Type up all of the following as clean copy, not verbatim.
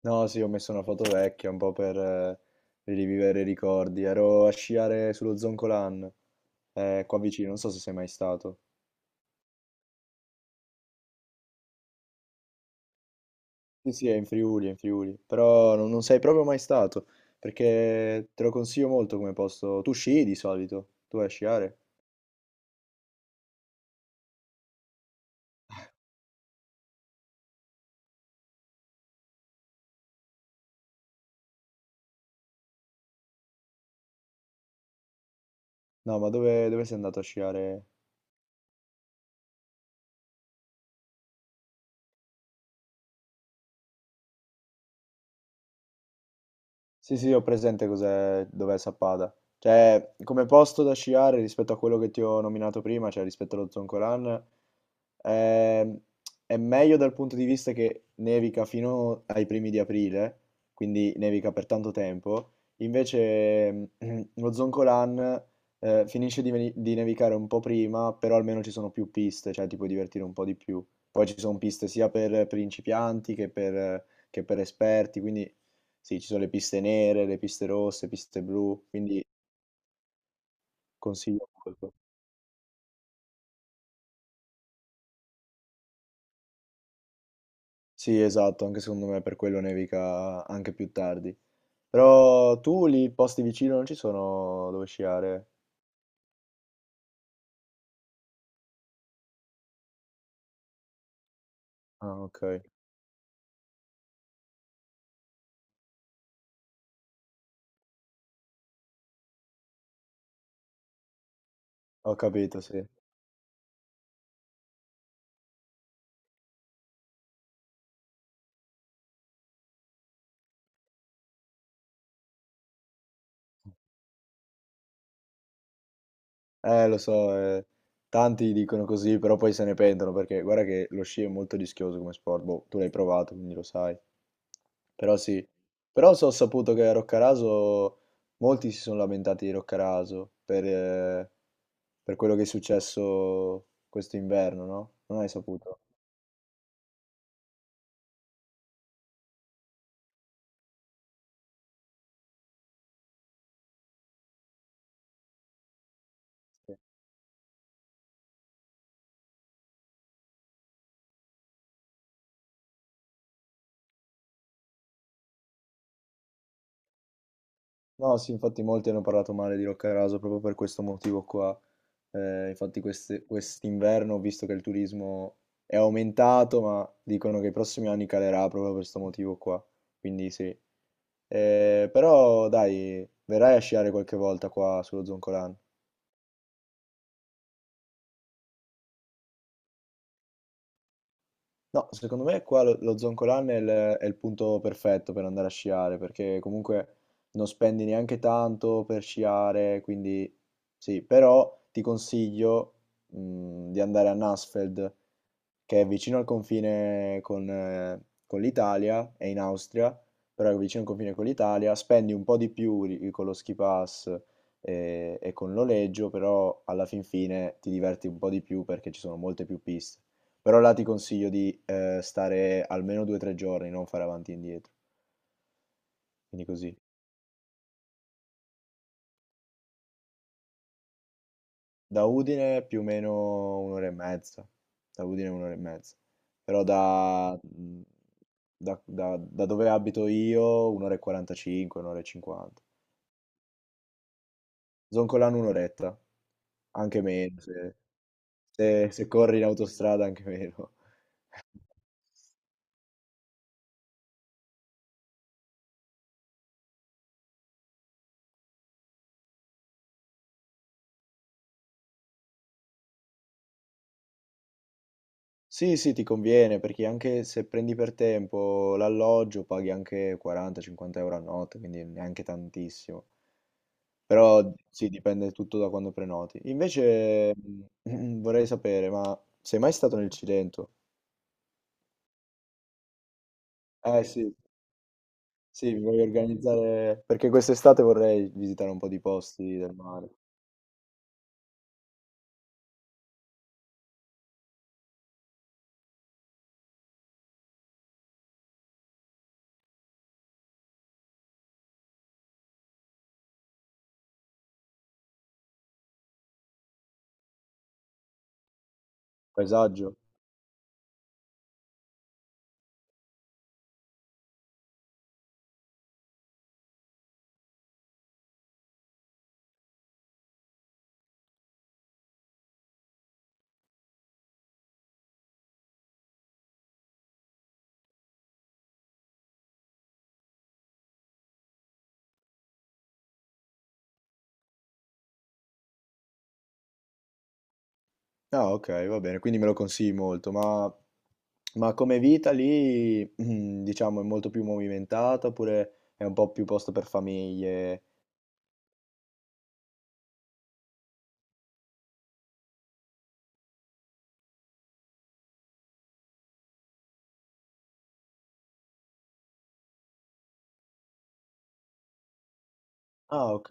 No, sì, ho messo una foto vecchia un po' per rivivere i ricordi. Ero a sciare sullo Zoncolan, qua vicino, non so se sei mai stato. Sì, sì, è in Friuli, però non sei proprio mai stato, perché te lo consiglio molto come posto. Tu sci di solito, tu vai a sciare? No, ma dove sei andato a sciare? Sì, sì, ho presente cos'è, dov'è Sappada. Cioè, come posto da sciare rispetto a quello che ti ho nominato prima, cioè rispetto allo Zoncolan, ehm, è meglio dal punto di vista che nevica fino ai primi di aprile, quindi nevica per tanto tempo. Invece lo Zoncolan finisce di, di nevicare un po' prima, però almeno ci sono più piste, cioè ti puoi divertire un po' di più. Poi ci sono piste sia per principianti che per esperti, quindi sì, ci sono le piste nere, le piste rosse, piste blu, quindi consiglio molto. Sì, esatto, anche secondo me per quello nevica anche più tardi. Però tu lì posti vicino non ci sono dove sciare? Ah, ok. Ho capito, sì. Lo so, tanti dicono così, però poi se ne pentono perché guarda che lo sci è molto rischioso come sport. Boh, tu l'hai provato, quindi lo sai. Però sì, ho saputo che a Roccaraso molti si sono lamentati di Roccaraso per quello che è successo questo inverno, no? Non hai saputo? Sì. No, sì, infatti molti hanno parlato male di Roccaraso proprio per questo motivo qua. Infatti quest'inverno ho visto che il turismo è aumentato, ma dicono che i prossimi anni calerà proprio per questo motivo qua. Quindi sì. Però dai, verrai a sciare qualche volta qua sullo Zoncolan. No, secondo me qua lo Zoncolan è il punto perfetto per andare a sciare, perché comunque non spendi neanche tanto per sciare, quindi sì, però ti consiglio, di andare a Nassfeld, che è vicino al confine con l'Italia, è in Austria, però è vicino al confine con l'Italia, spendi un po' di più con lo ski pass e, con il noleggio, però alla fin fine ti diverti un po' di più perché ci sono molte più piste. Però là ti consiglio di stare almeno due o tre giorni, non fare avanti e indietro, quindi così. Da Udine più o meno un'ora e mezza. Da Udine un'ora e mezza. Però da dove abito io un'ora e 45, un'ora e 50. Zoncolano un'oretta, anche meno. Se corri in autostrada anche meno. Sì, sì, ti conviene perché anche se prendi per tempo l'alloggio paghi anche 40-50 euro a notte, quindi neanche tantissimo. Però sì, dipende tutto da quando prenoti. Invece vorrei sapere, ma sei mai stato nel Cilento? Eh sì, sì, mi voglio organizzare perché quest'estate vorrei visitare un po' di posti del mare. Paesaggio? Ah, ok, va bene, quindi me lo consigli molto, ma come vita lì, diciamo, è molto più movimentata oppure è un po' più posto per famiglie? Ah, ok,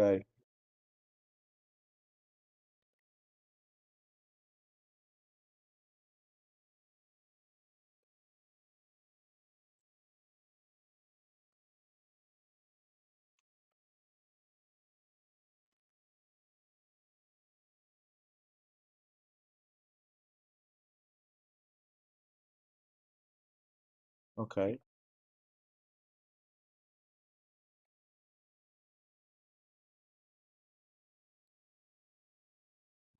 ok,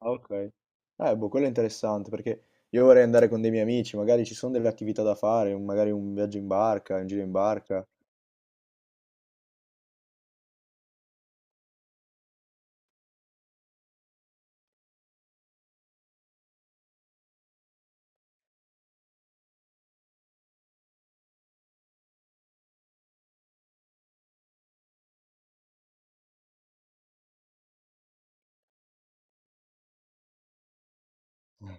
ah, ok. Boh, quello è interessante perché io vorrei andare con dei miei amici, magari ci sono delle attività da fare, un- magari un viaggio in barca, un giro in barca. Mm.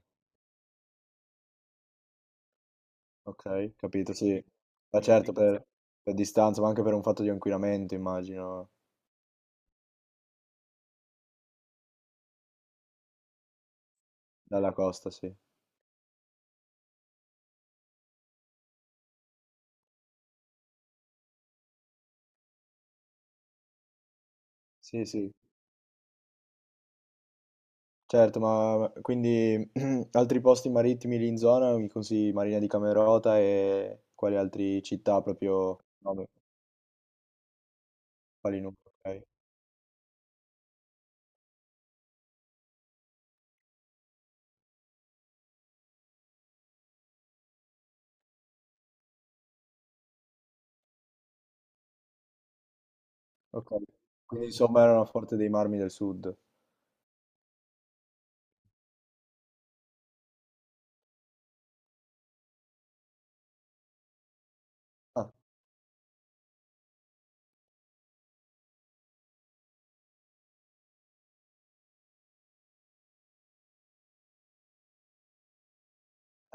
Ok, capito, sì. Ma certo, per distanza, ma anche per un fatto di inquinamento, immagino, dalla costa, sì. Sì, sì. Certo, ma quindi altri posti marittimi lì in zona, mi consigli Marina di Camerota e quali altre città proprio no, beh, quali non, ok. Ok. Quindi insomma era una forte dei marmi del sud. Ah.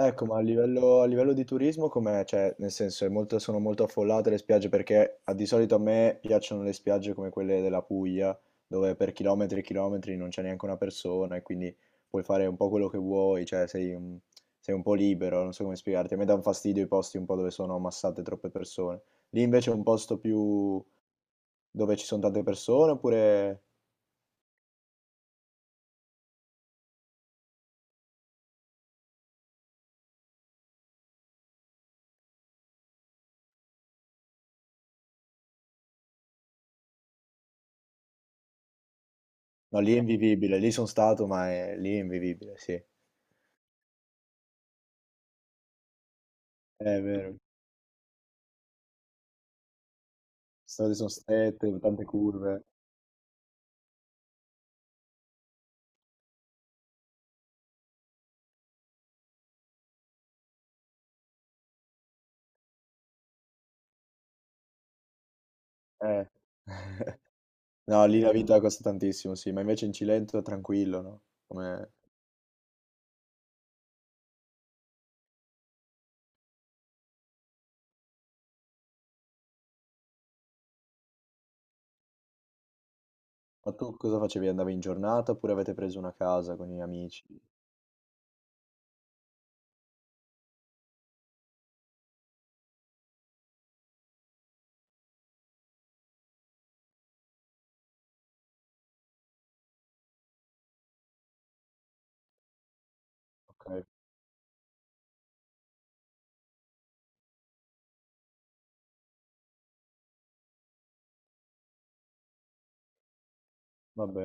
Ecco, ma a livello di turismo com'è? Cioè, nel senso, è molto- sono molto affollate le spiagge perché a- di solito a me piacciono le spiagge come quelle della Puglia, dove per chilometri e chilometri non c'è neanche una persona e quindi puoi fare un po' quello che vuoi, cioè sei un po' libero, non so come spiegarti. A me dà un fastidio i posti un po' dove sono ammassate troppe persone. Lì invece è un posto più dove ci sono tante persone oppure... No, lì è invivibile, lì sono stato, ma è... lì è invivibile, sì. È vero, strade sono strette, tante curve. Eh, no, lì la vita costa tantissimo, sì, ma invece in Cilento è tranquillo, no? Come- Ma tu cosa facevi? Andavi in giornata oppure avete preso una casa con gli amici? Ok, vabbè.